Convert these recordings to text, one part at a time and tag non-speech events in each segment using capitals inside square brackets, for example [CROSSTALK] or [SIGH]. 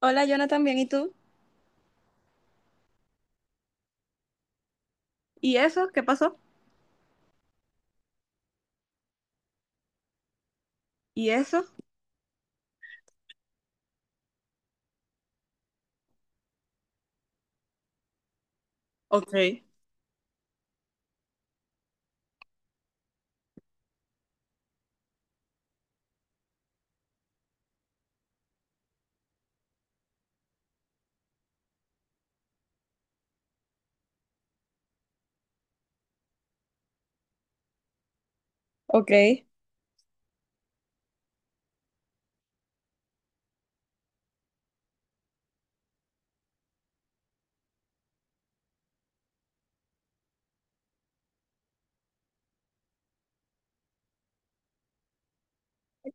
Hola, Jonathan, bien, ¿y tú? ¿Y eso? ¿Qué pasó? ¿Y eso? Ok. Ok.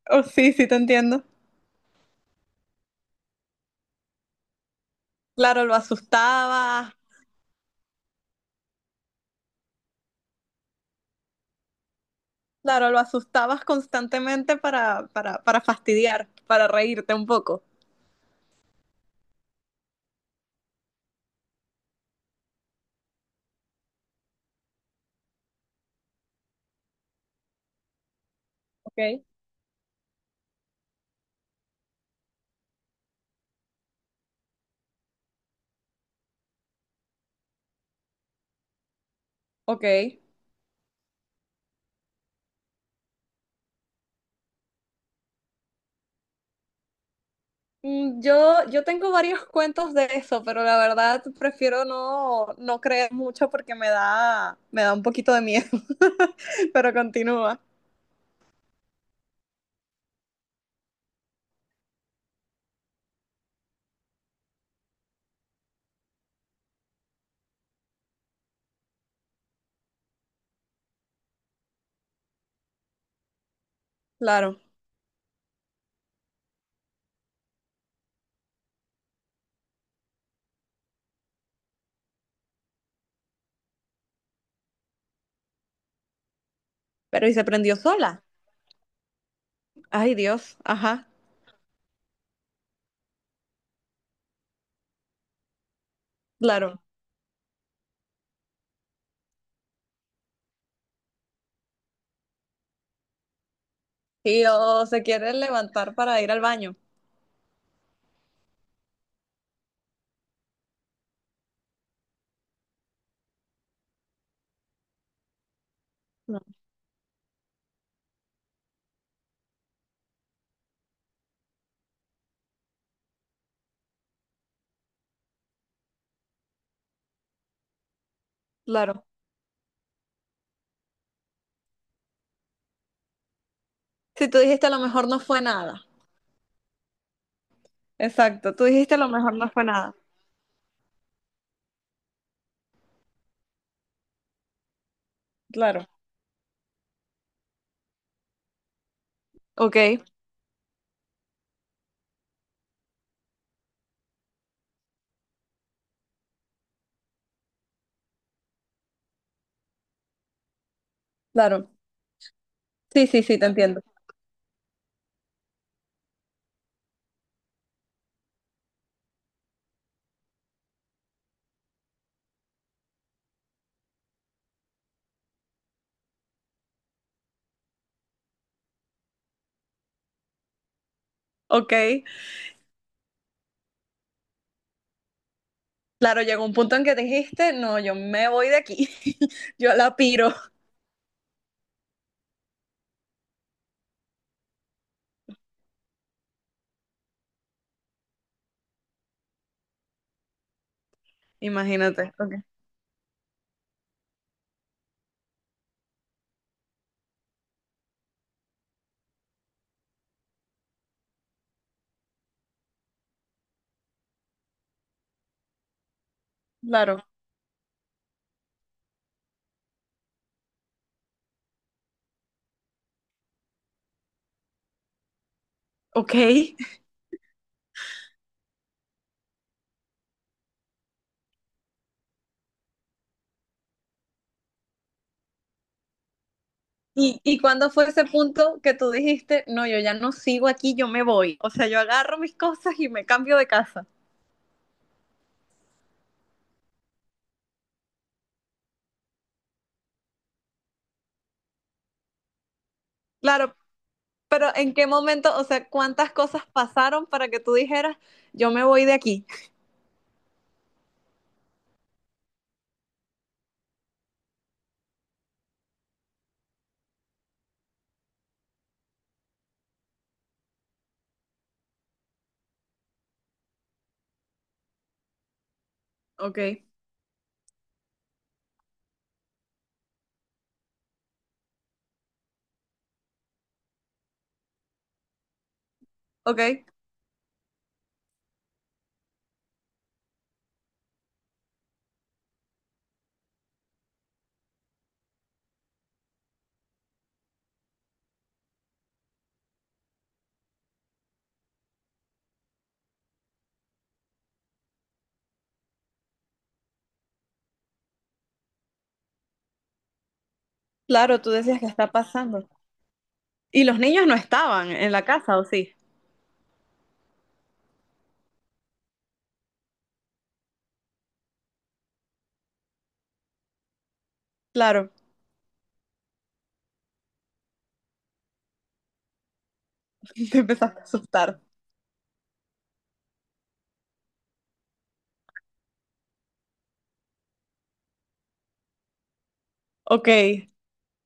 Oh, sí, sí te entiendo. Claro, lo asustabas. Claro, lo asustabas constantemente para fastidiar, para reírte un poco. Ok. Ok. Mm, yo tengo varios [LAUGHS] cuentos de eso, pero la verdad prefiero no creer mucho porque me da un poquito de miedo. [LAUGHS] Pero continúa. Claro. ¿Pero y se prendió sola? Ay, Dios. Ajá. Claro. ¿Y o se quiere levantar para ir al baño? No, claro, si tú dijiste a lo mejor no fue nada. Exacto. Tú dijiste a lo mejor no fue nada. Claro. Ok, claro. Sí, sí, sí, te entiendo. Ok, claro, llegó un punto en que dijiste, no, yo me voy de aquí. [LAUGHS] Yo la piro. Imagínate. Ok, claro. Ok. Y cuándo fue ese punto que tú dijiste, no, yo ya no sigo aquí, yo me voy? O sea, yo agarro mis cosas y me cambio de casa. Claro. Pero ¿en qué momento, o sea, cuántas cosas pasaron para que tú dijeras, yo me voy de aquí? Ok, ok. Claro, tú decías, que está pasando? ¿Y los niños no estaban en la casa, o sí? Claro, [LAUGHS] te empezaste a asustar. Ok,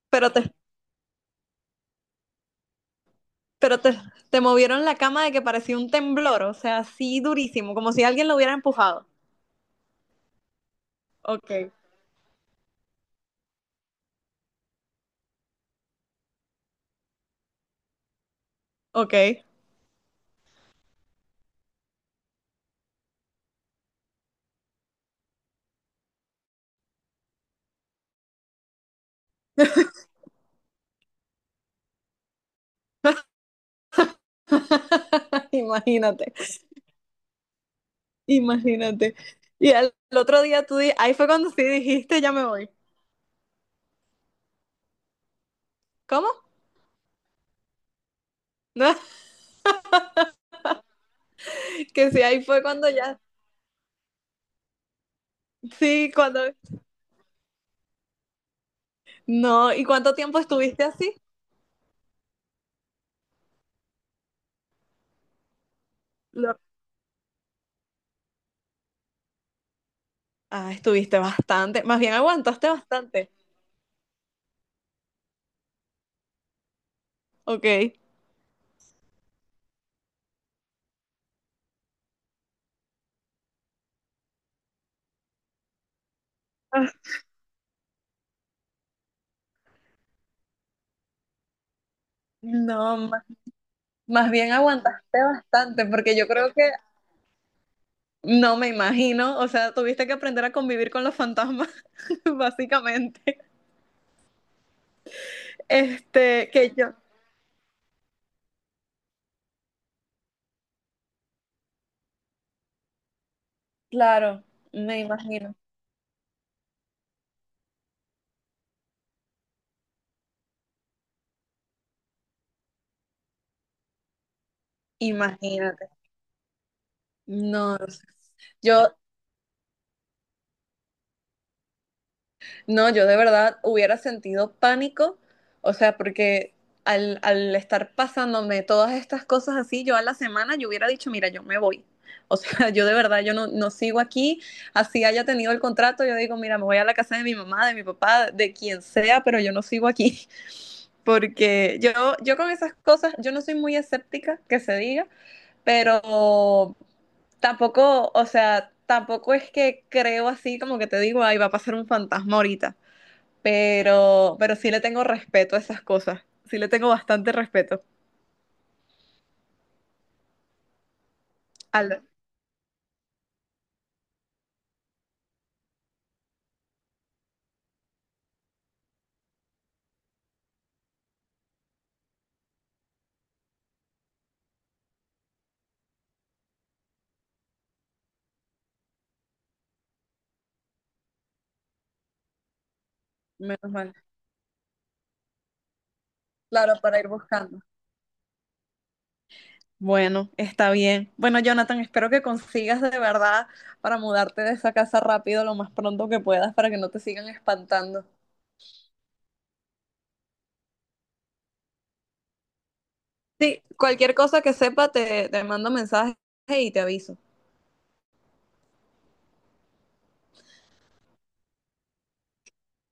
pero te, pero te movieron la cama, de que parecía un temblor, o sea, así durísimo, como si alguien lo hubiera empujado. Ok. Ok. [LAUGHS] Imagínate, imagínate. Y al, el otro día tú di- ahí fue cuando sí dijiste, ya me voy. ¿Cómo? [LAUGHS] No. Que sí, ahí fue cuando ya, sí, cuando, no, ¿y cuánto tiempo estuviste así? Lo- Ah, estuviste bastante, más bien aguantaste bastante, ok. Ah, no, ma- más bien aguantaste bastante, porque yo creo que, no me imagino, o sea, tuviste que aprender a convivir con los fantasmas, [LAUGHS] básicamente. Este, que yo, claro, me imagino, imagínate. No, yo No, yo de verdad hubiera sentido pánico, o sea, porque al, al estar pasándome todas estas cosas así, yo a la semana yo hubiera dicho, mira, yo me voy. O [LAUGHS] sea, yo de verdad, yo no sigo aquí, así haya tenido el contrato, yo digo, mira, me voy a la casa de mi mamá, de mi papá, de quien sea, pero yo no sigo aquí, [LAUGHS] porque yo con esas cosas, yo no soy muy escéptica, que se diga, pero tampoco, o sea, tampoco es que creo así como que te digo, ay, va a pasar un fantasma ahorita, pero sí le tengo respeto a esas cosas. Sí le tengo bastante respeto. Al, menos mal. Claro, para ir buscando. Bueno, está bien. Bueno, Jonathan, espero que consigas de verdad para mudarte de esa casa rápido, lo más pronto que puedas, para que no te sigan espantando. Sí, cualquier cosa que sepa te mando mensaje y te aviso.